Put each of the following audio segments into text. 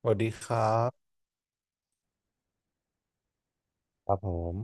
สวัสดีครับครับผม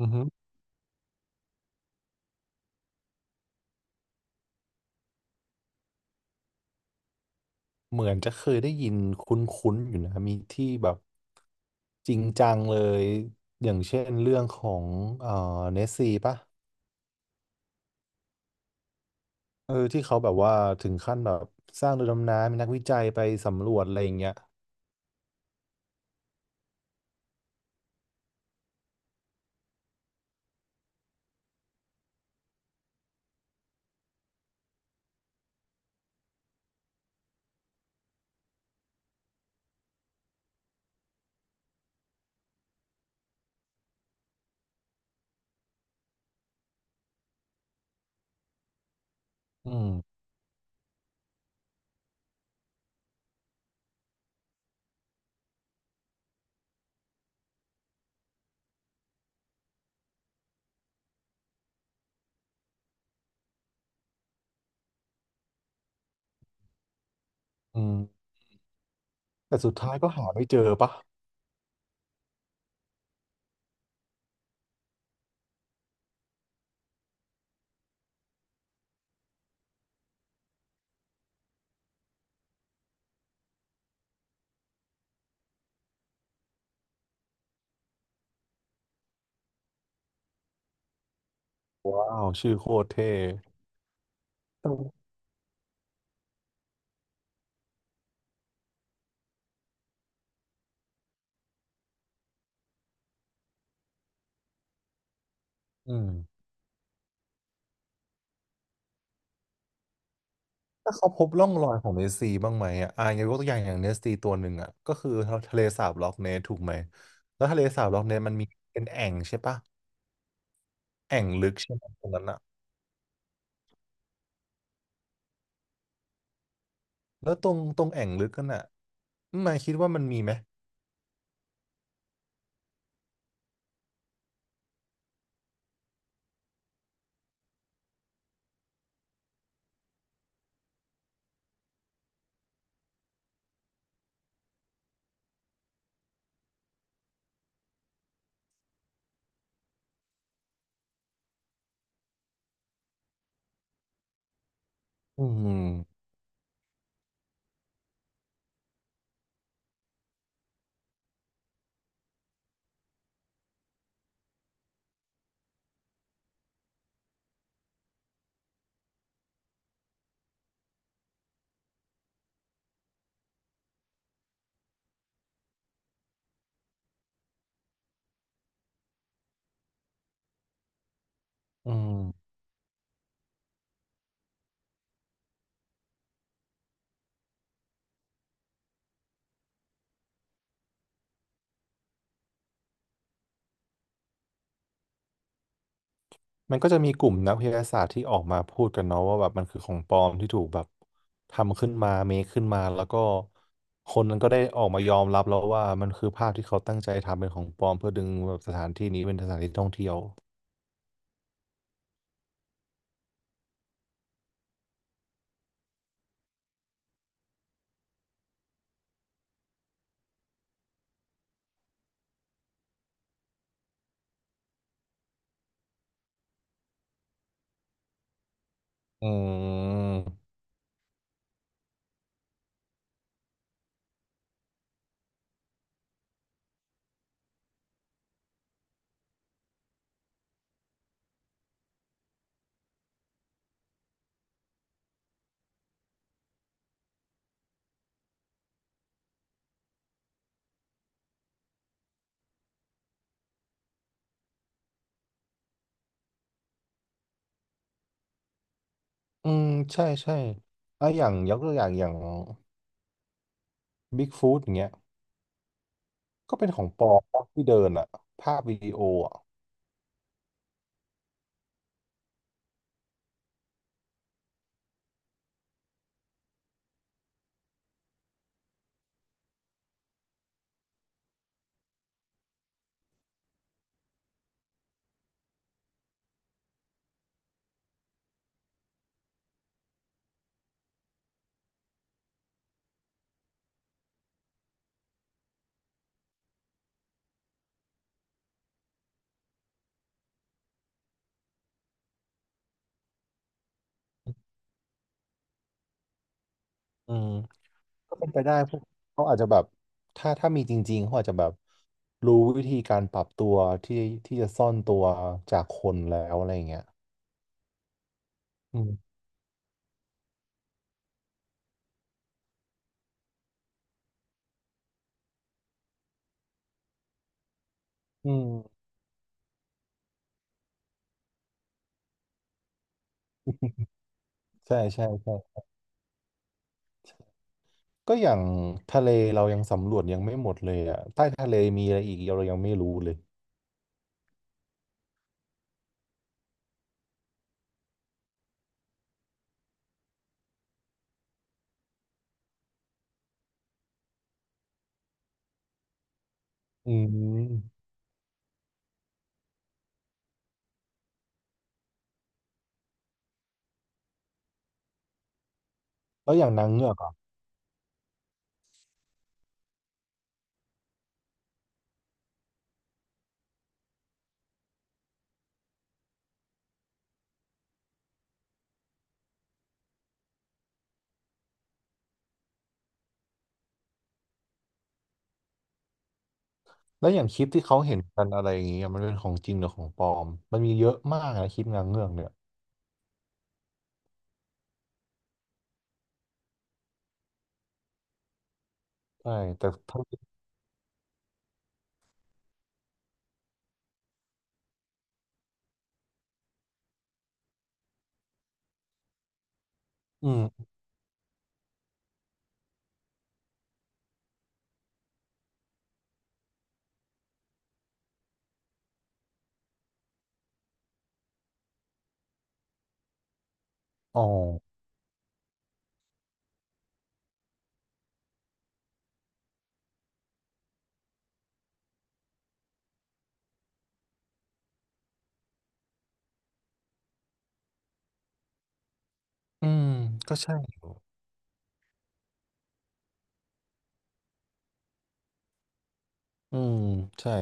อือฮึเหมือนจะเคยได้ยินคุ้นๆอยู่นะมีที่แบบจริงจังเลย อย่างเช่นเรื่องของเอ่อเนสซีป่ะเออที่เขาแบบว่าถึงขั้นแบบสร้างเรือดำน้ำมีนักวิจัยไปสำรวจอะไรอย่างเงี้ยอืมอืม แต่สุดท้ายก็หาไม่เจอป่ะว้าวชื่อโคตรเท่แตอืม ถ้าเขาพบร่องรอยของเนสซีบ้างไหมอ่ะอย่างยกตัวอย่างอย่างเนสซีตัวหนึ่งอ่ะก็คือทะเลสาบล็อกเนสถูกไหมแล้วทะเลสาบล็อกเนสมันมีเป็นแอ่งใช่ปะแอ่งลึกใช่ไหมตรงนั้นอ่ะแล้วตรงแอ่งลึกนั่นอ่ะนายคิดว่ามันมีไหมอืมอืมมันก็จะมีกลุ่มนักวิทยาศาสตร์ที่ออกมาพูดกันเนาะว่าแบบมันคือของปลอมที่ถูกแบบทำขึ้นมาเมคขึ้นมาแล้วก็คนนั้นก็ได้ออกมายอมรับแล้วว่ามันคือภาพที่เขาตั้งใจทำเป็นของปลอมเพื่อดึงแบบสถานที่นี้เป็นสถานที่ท่องเที่ยว อืมอืมใช่ใช่อ่ะอย่างยกตัวอย่างอย่างบิ๊กฟู t อย่างเงี้ยก็เป็นของปลอมปะที่เดินอะภาพวิดีโออะอืมก็เป็นไปได้พวกเขาอาจจะแบบถ้ามีจริงๆเขาอาจจะแบบรู้วิธีการปรับตัวที่ที่จะซ่อนตัวจากคนแล้วอะไรอย่างเงี้ยอืมอืมใช่ใช่ใช่ก็อย่างทะเลเรายังสำรวจยังไม่หมดเลยอะใต้ทะเลมีอะไรอีกเรายังไม่รู้เลยอืมแล้วอย่างนางเงือก แล้วอย่างคลิปที่เขาเห็นกันอะไรอย่างเงี้ยมันเป็นของจริงหรือของปลอมมันมีเยอะมากนะคลิปงานเงือกเนี่ยใช่แต่ถ้าอืมอ๋ออืมก็ใช่อยู่อืมใช่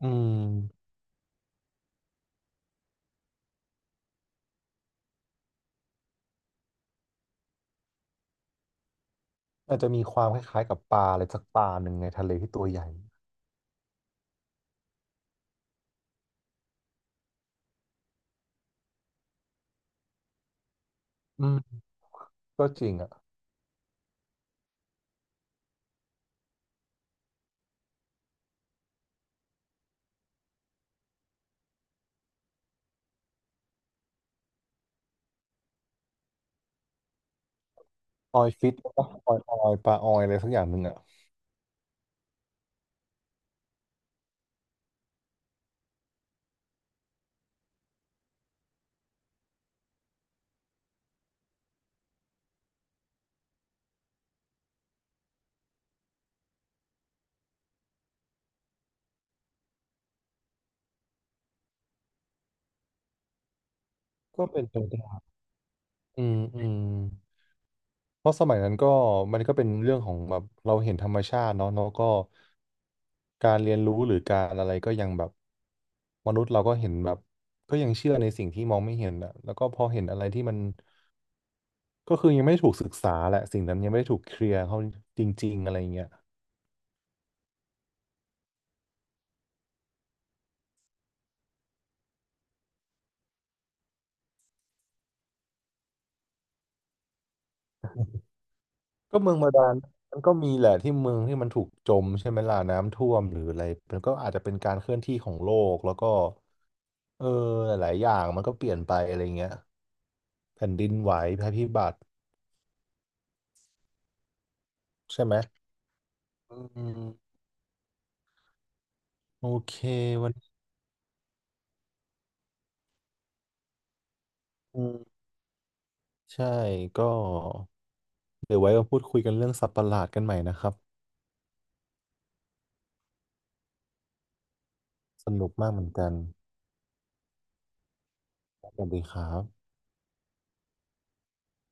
อืมอาจจะมีความคล้ายๆกับปลาอะไรสักปลาหนึ่งในทะเลที่ตัวใหญ่อืมก็จริงอ่ะออยฟิตออยออยปลาออยอะไรสักอย่างหนึ่งอ่ะก็เป็นไปได้อืมอืม เพราะสมัยนั้นก็มันก็เป็นเรื่องของแบบเราเห็นธรรมชาติเนาะแล้ก็การเรียนรู้หรือการอะไรก็ยังแบบมนุษย์เราก็เห็นแบบก็ยังเชื่อในสิ่งที่มองไม่เห็นอะแล้วก็พอเห็นอะไรที่มันก็คือยังไม่ได้ถูกศึกษาแหละสิ่งนั้นยังไม่ได้ถูกเคลียร์เขาจริงๆอะไรเงี้ยก็เมืองบาดาลมันก็มีแหละที่เมืองที่มันถูกจมใช่ไหมล่ะน้ำท่วมหรืออะไรมันก็อาจจะเป็นการเคลื่อนที่ของโลกแล้วก็เออหลายๆอย่างมันก็เปลี่ยนไปอะไรเงี้ยแผ่นดินไหวภัยพิบัติใช่ไหม อืมโอเควันนี้อืมใช่ก็เดี๋ยวไว้มาพูดคุยกันเรื่องสัตว์ประหลาดกันใหม่นะครับสนุกมากเหมือนกันสวัสดีครับ